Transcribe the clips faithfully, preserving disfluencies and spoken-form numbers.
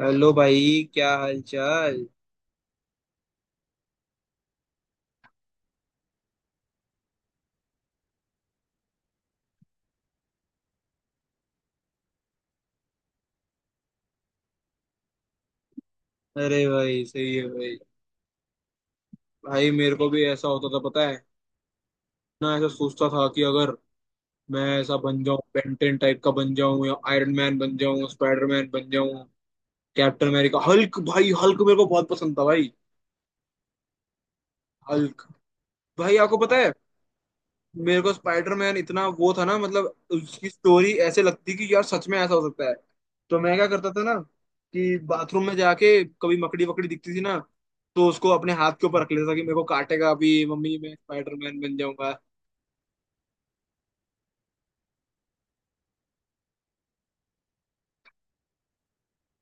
Hello भाई, क्या हाल चाल। अरे भाई, सही है भाई। भाई मेरे को भी ऐसा होता था पता है, ना ऐसा सोचता था कि अगर मैं ऐसा बन जाऊं, बेंटेन टाइप का बन जाऊं, या आयरन मैन बन जाऊं, स्पाइडरमैन बन जाऊं, कैप्टन अमेरिका, हल्क। भाई हल्क मेरे को बहुत पसंद था भाई। हल्क। भाई आपको पता है, मेरे को स्पाइडरमैन इतना वो था ना, मतलब उसकी स्टोरी ऐसे लगती कि यार सच में ऐसा हो सकता है। तो मैं क्या करता था ना, कि बाथरूम में जाके कभी मकड़ी वकड़ी दिखती थी ना, तो उसको अपने हाथ के ऊपर रख लेता था कि मेरे को काटेगा अभी, मम्मी मैं स्पाइडरमैन बन जाऊंगा।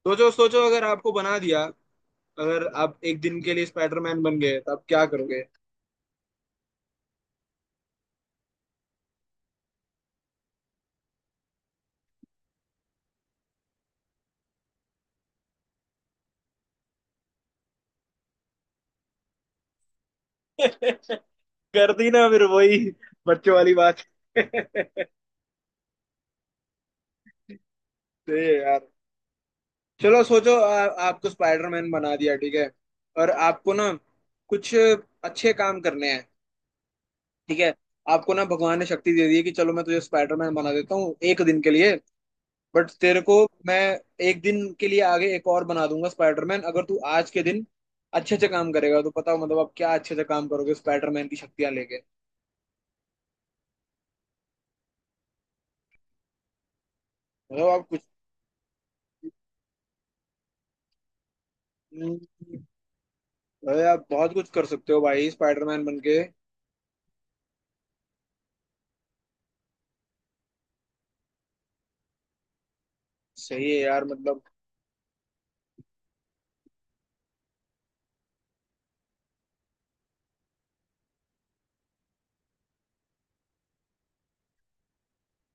सोचो सोचो, अगर आपको बना दिया, अगर आप एक दिन के लिए स्पाइडरमैन बन गए तो आप क्या करोगे? कर दी ना फिर वही बच्चों वाली बात। सही है यार। चलो सोचो, आ, आपको स्पाइडरमैन बना दिया, ठीक है? और आपको ना कुछ अच्छे काम करने हैं, ठीक है। आपको ना भगवान ने शक्ति दे दी है कि चलो मैं तुझे स्पाइडरमैन बना देता हूँ एक दिन के लिए, बट तेरे को मैं एक दिन के लिए आगे एक और बना दूंगा स्पाइडरमैन, अगर तू आज के दिन अच्छे अच्छे काम करेगा तो। पता हो मतलब आप क्या अच्छे अच्छे काम करोगे स्पाइडरमैन की शक्तियां लेके? मतलब आप कुछ, हम्म, भाई आप बहुत कुछ कर सकते हो भाई स्पाइडरमैन बन के। सही है यार मतलब।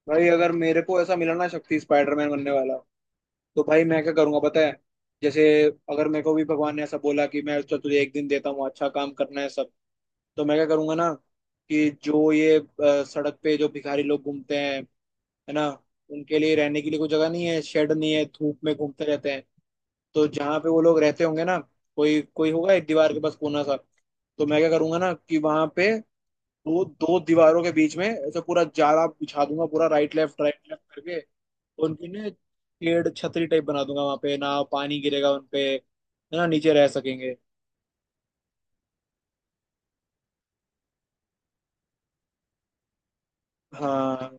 भाई अगर मेरे को ऐसा मिला ना शक्ति स्पाइडरमैन बनने वाला, तो भाई मैं क्या करूंगा पता है? जैसे अगर मेरे को भी भगवान ने ऐसा बोला कि मैं तो तुझे एक दिन देता हूँ, अच्छा काम करना है सब, तो मैं क्या करूंगा ना, कि जो ये अ, सड़क पे जो भिखारी लोग घूमते हैं, है ना, उनके लिए रहने के लिए कोई जगह नहीं है, शेड नहीं है, धूप में घूमते रहते हैं। तो जहाँ पे वो लोग रहते होंगे ना, कोई कोई होगा एक दीवार के पास कोना सा, तो मैं क्या करूंगा ना कि वहां पे दो दो दीवारों के बीच में ऐसे पूरा जाला बिछा दूंगा पूरा, राइट लेफ्ट राइट लेफ्ट करके। उनकी ना एक पेड़ छतरी टाइप बना दूंगा वहां पे, ना पानी गिरेगा उनपे, है ना, नीचे रह सकेंगे। हाँ,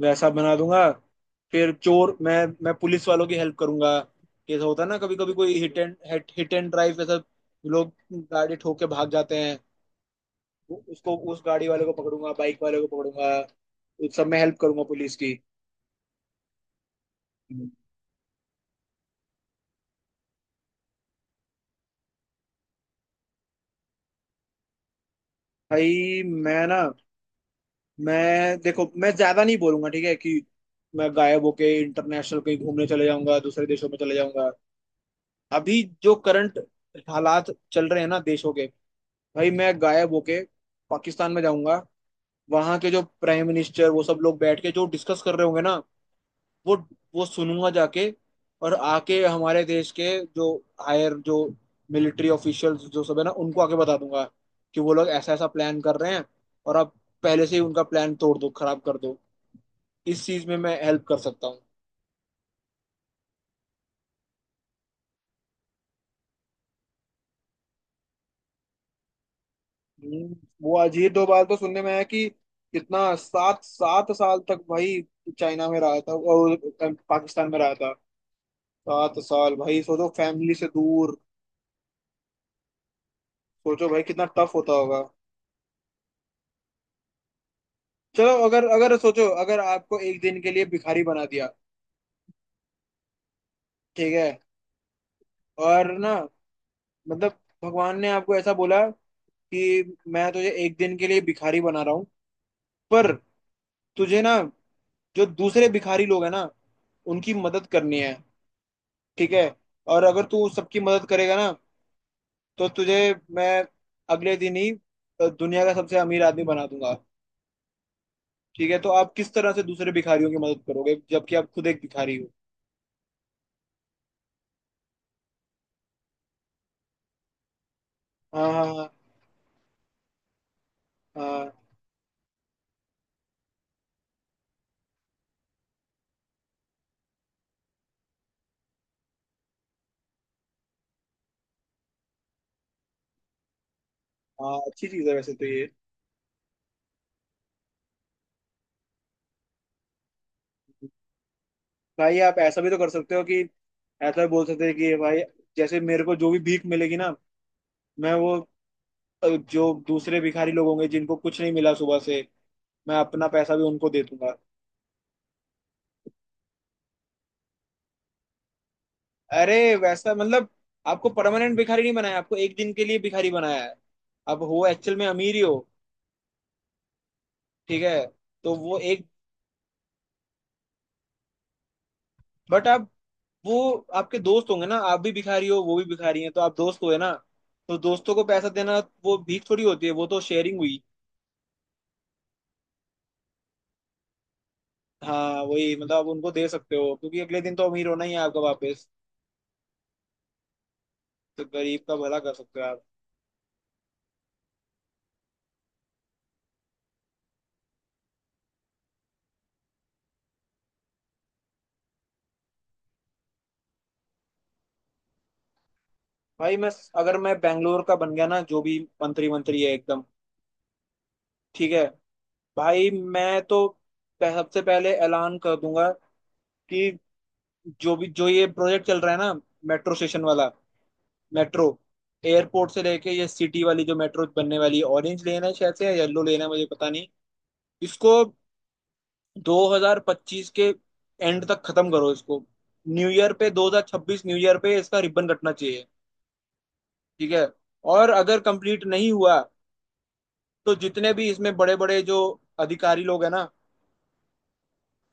वैसा बना दूंगा। फिर चोर मैं मैं पुलिस वालों की हेल्प करूंगा। जैसा होता है ना, कभी कभी कोई hit and hit and drive ऐसा, लोग गाड़ी ठोक के भाग जाते हैं, वो- उसको, उस गाड़ी वाले को पकड़ूंगा, बाइक वाले को पकड़ूंगा, उस सब में हेल्प करूंगा पुलिस की। भाई मैं ना, मैं, देखो मैं ज्यादा नहीं बोलूंगा, ठीक है, कि मैं गायब होके इंटरनेशनल कहीं घूमने चले जाऊंगा, दूसरे देशों में चले जाऊंगा। अभी जो करंट हालात चल रहे हैं ना देशों के, भाई मैं गायब होके पाकिस्तान में जाऊंगा। वहां के जो प्राइम मिनिस्टर वो सब लोग बैठ के जो डिस्कस कर रहे होंगे ना, वो वो सुनूंगा जाके, और आके हमारे देश के जो हायर जो मिलिट्री ऑफिशियल्स जो सब है ना, उनको आके बता दूंगा कि वो लोग ऐसा ऐसा प्लान कर रहे हैं, और आप पहले से ही उनका प्लान तोड़ दो, खराब कर दो। इस चीज में मैं हेल्प कर सकता हूँ। हम्म, वो अजीत डोभाल तो सुनने में आया कि कितना सात सात साल तक भाई चाइना में रहा था, और अ, पाकिस्तान में रहा था। सात साल भाई, सोचो फैमिली से दूर। सोचो भाई कितना टफ होता होगा। चलो, अगर अगर सोचो, अगर आपको एक दिन के लिए भिखारी बना दिया, ठीक है, और ना, मतलब भगवान ने आपको ऐसा बोला कि मैं तुझे एक दिन के लिए भिखारी बना रहा हूँ, पर तुझे ना जो दूसरे भिखारी लोग हैं ना, उनकी मदद करनी है, ठीक है, और अगर तू सबकी मदद करेगा ना, तो तुझे मैं अगले दिन ही अ, दुनिया का सबसे अमीर आदमी बना दूंगा। ठीक है, तो आप किस तरह से दूसरे भिखारियों की मदद करोगे जबकि आप खुद एक भिखारी हो? हाँ हाँ हाँ, हाँ, हाँ, अच्छी चीज है वैसे तो ये। भाई आप ऐसा भी तो कर सकते हो कि, ऐसा भी बोल सकते हैं कि भाई, जैसे मेरे को जो भी भीख मिलेगी ना, मैं वो अ, जो दूसरे भिखारी लोग होंगे जिनको कुछ नहीं मिला सुबह से, मैं अपना पैसा भी उनको दे दूंगा। अरे वैसा मतलब, आपको परमानेंट भिखारी नहीं बनाया, आपको एक दिन के लिए भिखारी बनाया है, आप हो एक्चुअल में अमीर ही हो। ठीक है, तो वो एक, बट आप, वो आपके दोस्त होंगे ना, आप भी भिखारी हो वो भी भिखारी है तो आप दोस्त हुए ना, तो दोस्तों को पैसा देना वो भीख थोड़ी होती है, वो तो शेयरिंग हुई। हाँ वही मतलब, आप उनको दे सकते हो क्योंकि अगले दिन तो अमीर होना ही है आपका वापस। तो गरीब का भला कर सकते हो आप। भाई मैं, अगर मैं बैंगलोर का बन गया ना, जो भी मंत्री मंत्री है एकदम, ठीक है। भाई मैं तो पह- सबसे पहले ऐलान कर दूंगा कि जो भी जो ये प्रोजेक्ट चल रहा है ना, मेट्रो स्टेशन वाला, मेट्रो, एयरपोर्ट से लेके ये सिटी वाली जो मेट्रो बनने वाली है, ऑरेंज लेना है शायद से, या येलो लेना है मुझे पता नहीं, इसको दो हज़ार पच्चीस के एंड तक खत्म करो, इसको न्यू ईयर पे दो हज़ार छब्बीस, न्यू ईयर पे इसका रिबन कटना चाहिए, ठीक है? और अगर कंप्लीट नहीं हुआ तो जितने भी इसमें बड़े बड़े जो अधिकारी लोग हैं ना,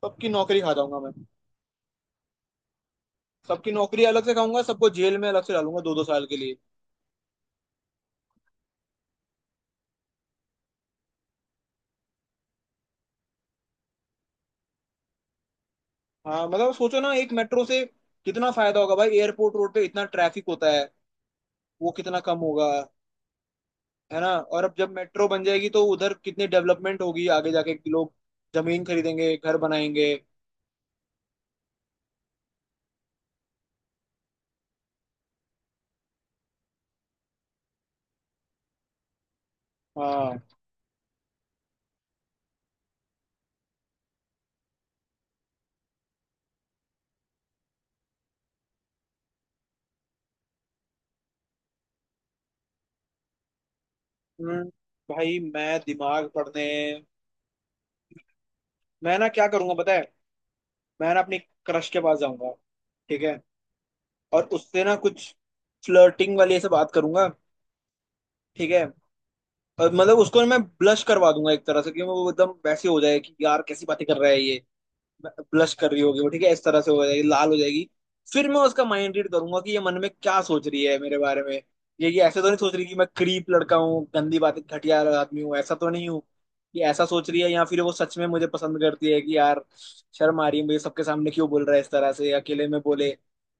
सबकी नौकरी खा जाऊंगा मैं। सबकी नौकरी अलग से खाऊंगा, सबको जेल में अलग से डालूंगा दो दो साल के लिए। हाँ मतलब सोचो ना, एक मेट्रो से कितना फायदा होगा भाई, एयरपोर्ट रोड पे इतना ट्रैफिक होता है, वो कितना कम होगा, है ना। और अब जब मेट्रो बन जाएगी तो उधर कितनी डेवलपमेंट होगी आगे जाके, कि लोग जमीन खरीदेंगे, घर बनाएंगे। हाँ। हम्म, भाई मैं दिमाग पढ़ने, मैं ना क्या करूंगा पता है, मैं ना अपनी क्रश के पास जाऊंगा, ठीक है, और उससे ना कुछ फ्लर्टिंग वाली ऐसे बात करूंगा, ठीक है, और मतलब उसको मैं ब्लश करवा दूंगा एक तरह से, कि वो एकदम वैसे हो जाए कि यार कैसी बातें कर रहा है ये। ब्लश कर रही होगी वो, ठीक है, इस तरह से हो जाएगी, लाल हो जाएगी। फिर मैं उसका माइंड रीड करूंगा कि ये मन में क्या सोच रही है मेरे बारे में, ये ये ऐसे तो नहीं सोच रही कि मैं क्रीप लड़का हूँ, गंदी बातें, घटिया आदमी हूँ, ऐसा तो नहीं हूँ, कि ऐसा सोच रही है, या फिर वो सच में मुझे पसंद करती है कि यार शर्म आ रही है मुझे, सबके सामने क्यों बोल रहा है इस तरह से, अकेले में बोले,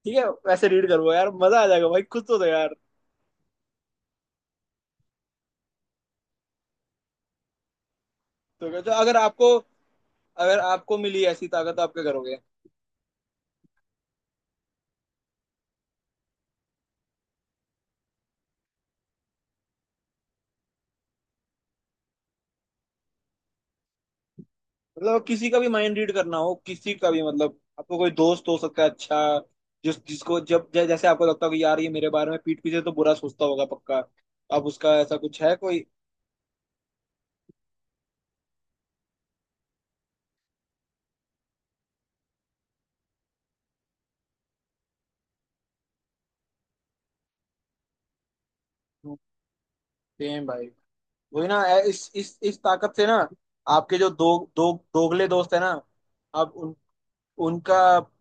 ठीक है वैसे रीड करो यार, मजा आ जाएगा भाई, खुद तो दो यार। तो, तो अगर आपको, अगर आपको मिली ऐसी ताकत तो आप क्या करोगे? मतलब किसी का भी माइंड रीड करना हो, किसी का भी मतलब, आपको कोई दोस्त हो सकता है अच्छा, जिस जिसको जब जै, जैसे आपको लगता हो कि यार ये मेरे बारे में पीठ पीछे तो बुरा सोचता होगा पक्का, अब उसका ऐसा कुछ है कोई? सेम भाई, वही ना, ऐ- इस इस इस ताकत से ना, आपके जो दो, दो दोगले दोस्त है ना, आप उन उनका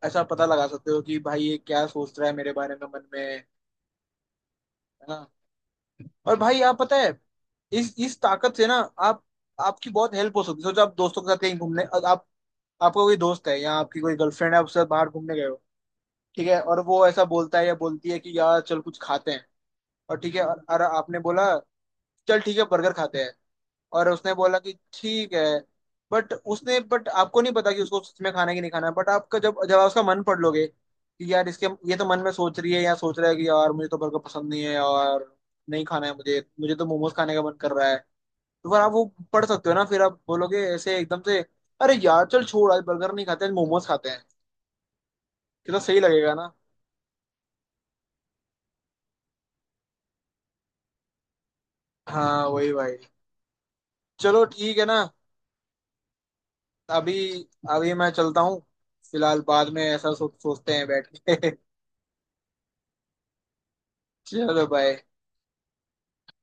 ऐसा पता लगा सकते हो कि भाई ये क्या सोच रहा है मेरे बारे में मन में, है ना। और भाई आप पता है, इस इस ताकत से ना, आप, आपकी बहुत हेल्प हो सकती है। सोचो आप दोस्तों के साथ कहीं घूमने, आप आपका कोई दोस्त है या आपकी कोई गर्लफ्रेंड है उससे बाहर घूमने गए हो, ठीक है, और वो ऐसा बोलता है या बोलती है कि यार चल कुछ खाते हैं, और ठीक है, और, और आपने बोला चल ठीक है बर्गर खाते हैं, और उसने बोला कि ठीक है, बट उसने, बट आपको नहीं पता कि उसको सच में खाना है कि नहीं खाना है, बट आपका, जब जब आप उसका मन पढ़ लोगे कि यार इसके ये तो मन में सोच रही है या सोच रहा है कि यार मुझे तो बर्गर पसंद नहीं है और नहीं खाना है मुझे मुझे तो मोमोज खाने का मन कर रहा है, तो फिर आप वो पढ़ सकते हो ना, फिर आप बोलोगे ऐसे एकदम से, अरे यार चल छोड़, आज बर्गर नहीं खाते, आज मोमोज खाते हैं। कितना सही लगेगा ना। हाँ वही भाई। चलो ठीक है ना, अभी, अभी मैं चलता हूँ, फिलहाल बाद में ऐसा सो, सोचते हैं बैठ के। चलो भाई।